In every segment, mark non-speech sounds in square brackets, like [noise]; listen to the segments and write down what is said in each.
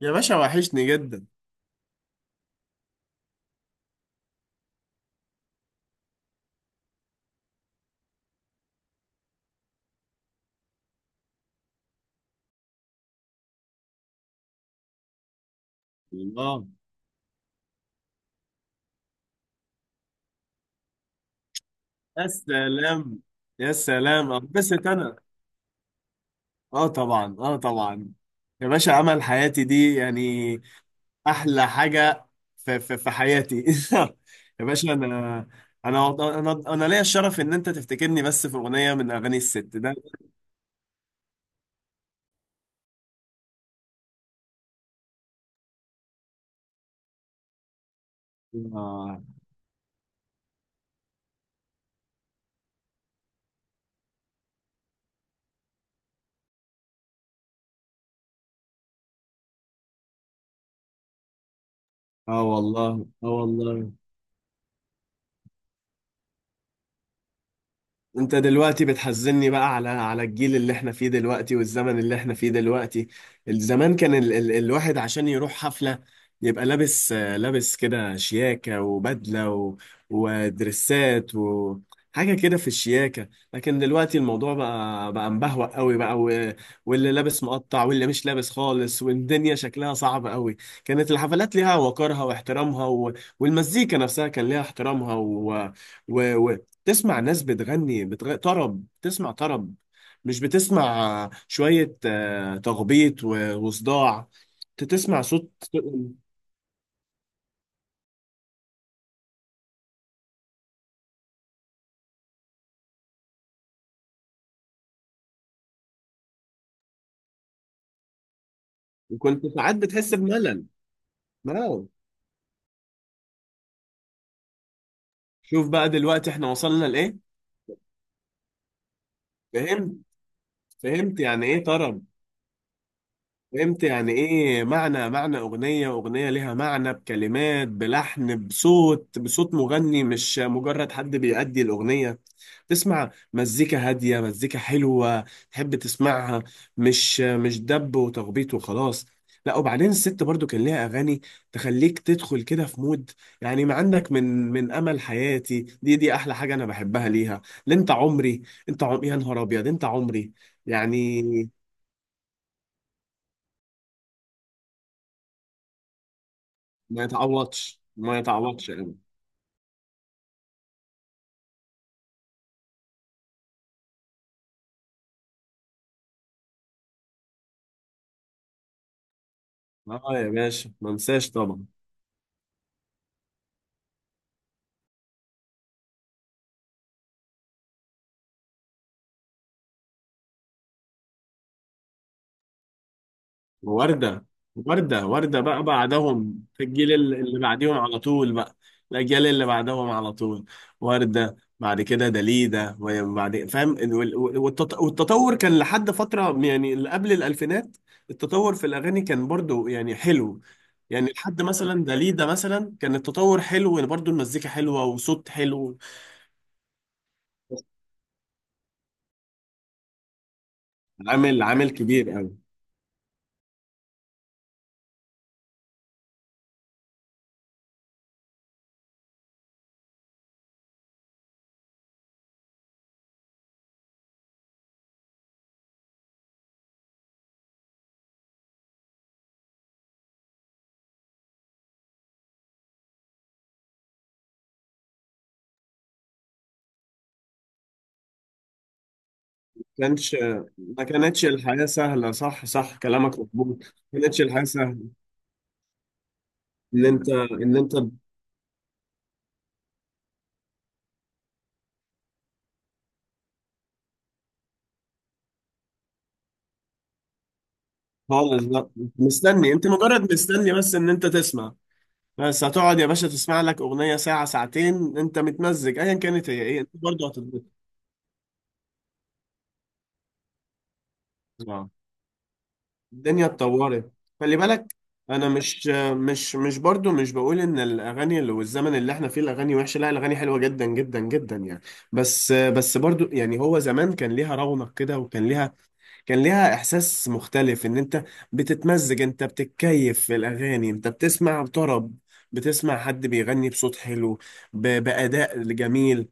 يا باشا، وحشني جدا. الله. يا سلام. يا سلام، اتبسط انا. اه طبعا، اه طبعا. يا باشا، عمل حياتي دي يعني. احلى حاجه في حياتي. [laughs] يا باشا، انا انا ليا الشرف ان انت تفتكرني بس في اغنيه من اغاني الست ده. اه. آه والله، اه والله. انت دلوقتي بتحزني بقى على الجيل اللي احنا فيه دلوقتي والزمن اللي احنا فيه دلوقتي. زمان كان ال ال الواحد عشان يروح حفلة، يبقى لابس، لابس كده شياكة وبدلة ودرسات وحاجة كده في الشياكة. لكن دلوقتي الموضوع بقى مبهوأ قوي بقى. واللي لابس مقطع واللي مش لابس خالص، والدنيا شكلها صعب قوي. كانت الحفلات ليها وقارها واحترامها، والمزيكا نفسها كان ليها احترامها و تسمع ناس بتغني طرب، تسمع طرب. مش بتسمع شوية تخبيط وصداع. تسمع صوت. كنت ساعات بتحس بملل، ملل. شوف بقى دلوقتي احنا وصلنا لإيه. فهمت. فهمت يعني ايه طرب. فهمت يعني ايه معنى، معنى اغنية، اغنية ليها معنى بكلمات بلحن بصوت، بصوت مغني مش مجرد حد بيأدي الاغنية. تسمع مزيكا هادية، مزيكا حلوة، تحب تسمعها. مش دب وتخبيط وخلاص. لا، وبعدين الست برضو كان ليها اغاني تخليك تدخل كده في مود. يعني ما عندك من امل حياتي، دي احلى حاجة انا بحبها ليها. لا، انت عمري. يا نهار ابيض، انت عمري يعني. ما يتعوضش، ما يتعوضش يعني. اه يا باشا، ما انساش طبعا. وردة. وردة، وردة بقى بعدهم في اللي بعديهم على طول بقى. الأجيال اللي بعدهم على طول. وردة بعد كده دليدة وبعد فاهم والتطور كان لحد فترة يعني اللي قبل الألفينات. التطور في الأغاني كان برضو يعني حلو. يعني لحد مثلا دليدة مثلا كان التطور حلو برضو، المزيكا حلوة وصوت حلو. عامل كبير قوي. كانش، ما كانتش الحياة سهلة. صح، صح كلامك مظبوط. ما كانتش الحياة سهلة ان انت. خالص لا. مستني، انت مجرد مستني بس ان انت تسمع. بس هتقعد يا باشا تسمع لك اغنية ساعة ساعتين، انت متمزج، ايا كانت هي ايه انت برضه هتتبسط. آه. الدنيا اتطورت. خلي بالك انا مش، برضه مش بقول ان الاغاني اللي والزمن اللي احنا فيه الاغاني وحشة. لا، الاغاني حلوة جدا جدا جدا يعني. بس برضه يعني هو زمان كان ليها رونق كده وكان ليها، كان ليها احساس مختلف ان انت بتتمزج، انت بتتكيف في الاغاني، انت بتسمع طرب، بتسمع حد بيغني بصوت حلو، بأداء جميل.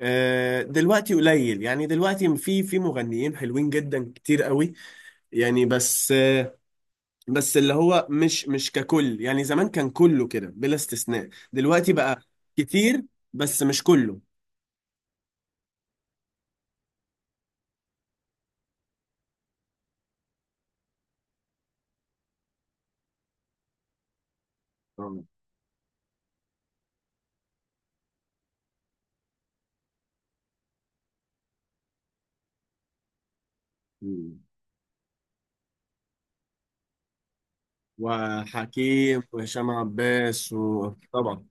دلوقتي قليل، يعني دلوقتي في مغنيين حلوين جدا كتير قوي يعني، بس اللي هو مش ككل يعني. زمان كان كله كده بلا استثناء. دلوقتي بقى كتير بس مش كله. آه. مم. وحكيم وهشام عباس، وطبعا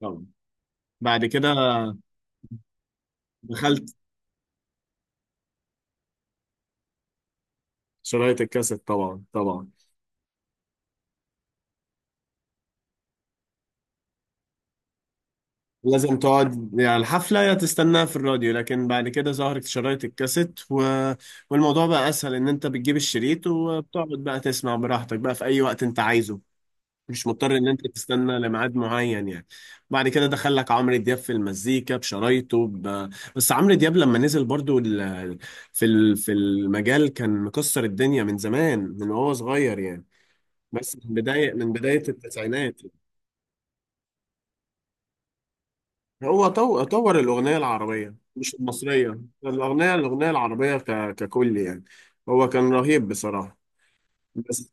طبعا. بعد كده دخلت شرايط الكاسيت، طبعا طبعا. لازم تقعد يعني الحفلة يا تستناها في الراديو، لكن بعد كده ظهرت شرايط الكاسيت والموضوع بقى أسهل، إن أنت بتجيب الشريط وبتقعد بقى تسمع براحتك بقى في أي وقت أنت عايزه. مش مضطر إن أنت تستنى لميعاد معين يعني. بعد كده دخل لك عمرو دياب في المزيكا بشرايطه بس عمرو دياب لما نزل برضو في في المجال كان مكسر الدنيا من زمان، من وهو صغير يعني. بس من بداية التسعينات هو طور الأغنية العربية، مش المصرية، الأغنية، الأغنية العربية ككل يعني. هو كان رهيب بصراحة. بس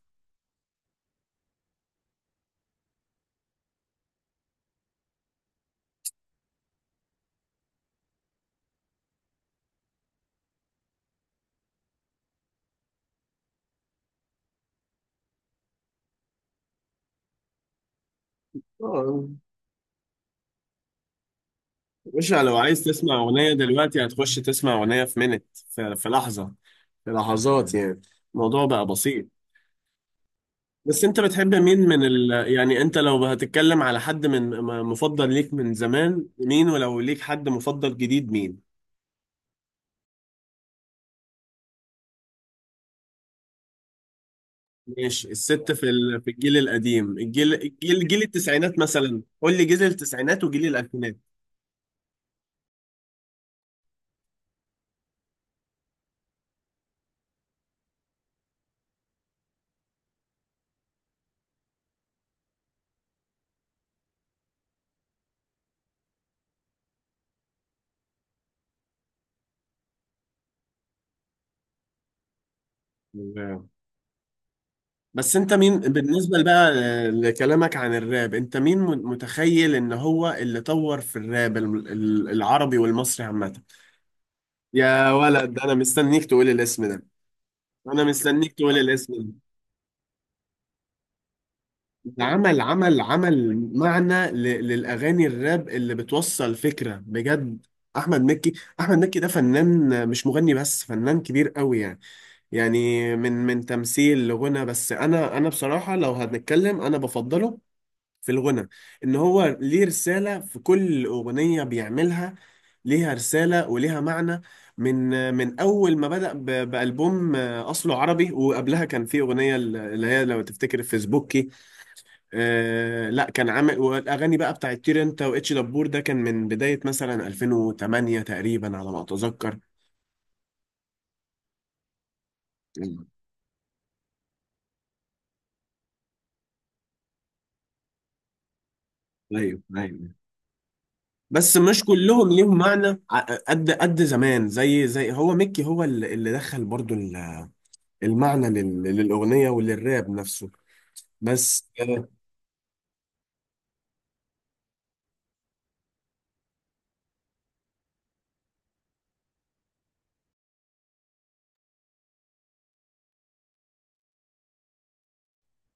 آه، مش، لو عايز تسمع أغنية دلوقتي هتخش تسمع أغنية في منت في لحظة، في لحظات يعني. الموضوع بقى بسيط. بس أنت بتحب مين من يعني أنت لو هتتكلم على حد من مفضل ليك من زمان مين، ولو ليك حد مفضل جديد مين. ماشي، الست في في الجيل القديم، الجيل الجيل جيل التسعينات مثلا، قول لي جيل التسعينات وجيل الألفينات. تمام. بس انت مين بالنسبة بقى لكلامك عن الراب؟ انت مين متخيل ان هو اللي طور في الراب العربي والمصري عامة؟ يا ولد، انا مستنيك تقول الاسم ده. انا مستنيك تقول الاسم ده. ده عمل معنى للأغاني، الراب اللي بتوصل فكرة بجد. أحمد مكي. أحمد مكي ده فنان، مش مغني بس، فنان كبير قوي يعني. يعني من تمثيل لغنى، بس أنا، أنا بصراحة لو هنتكلم أنا بفضله في الغنى، إن هو ليه رسالة في كل أغنية بيعملها، ليها رسالة وليها معنى من أول ما بدأ بألبوم أصله عربي. وقبلها كان في أغنية اللي هي لو تفتكر فيسبوكي. آه لا، كان عامل والاغاني بقى بتاعت طير انت واتش دبور، ده كان من بدايه مثلا 2008 تقريبا على ما اتذكر. ايوه ايوه. بس مش كلهم ليهم معنى قد زمان، زي هو ميكي، هو اللي دخل برضو المعنى للاغنيه وللراب نفسه. بس يا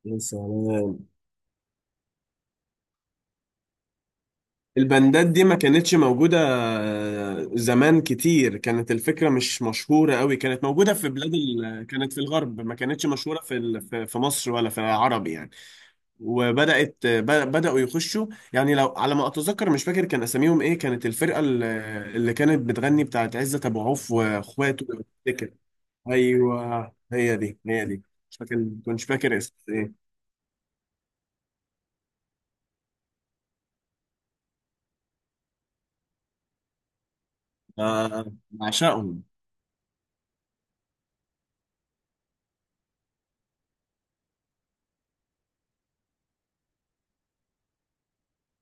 يا سلام. البندات دي ما كانتش موجودة. زمان كتير كانت الفكرة مش مشهورة قوي، كانت موجودة في بلاد كانت في الغرب، ما كانتش مشهورة في في في مصر ولا في العرب يعني. وبدأت بدأوا يخشوا، يعني لو على ما أتذكر مش فاكر كان أساميهم إيه، كانت الفرقة اللي كانت بتغني بتاعت عزت أبو عوف وإخواته لو تفتكر. أيوه، هي دي هي دي. مش فاكر، كنتش فاكر اسم إيه. بعشقهم.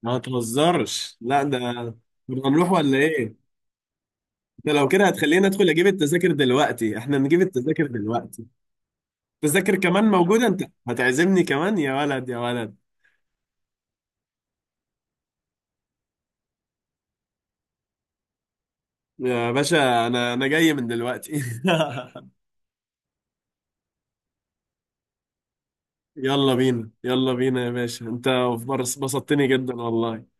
ما تهزرش، لا ده كنا هنروح ولا إيه؟ ده لو كده هتخلينا ادخل اجيب التذاكر دلوقتي. احنا نجيب التذاكر دلوقتي. التذاكر كمان موجودة، انت هتعزمني كمان يا ولد يا ولد. يا باشا، انا جاي من دلوقتي. [laughs] يلا بينا، يلا بينا يا باشا. انت بسطتني جدا والله.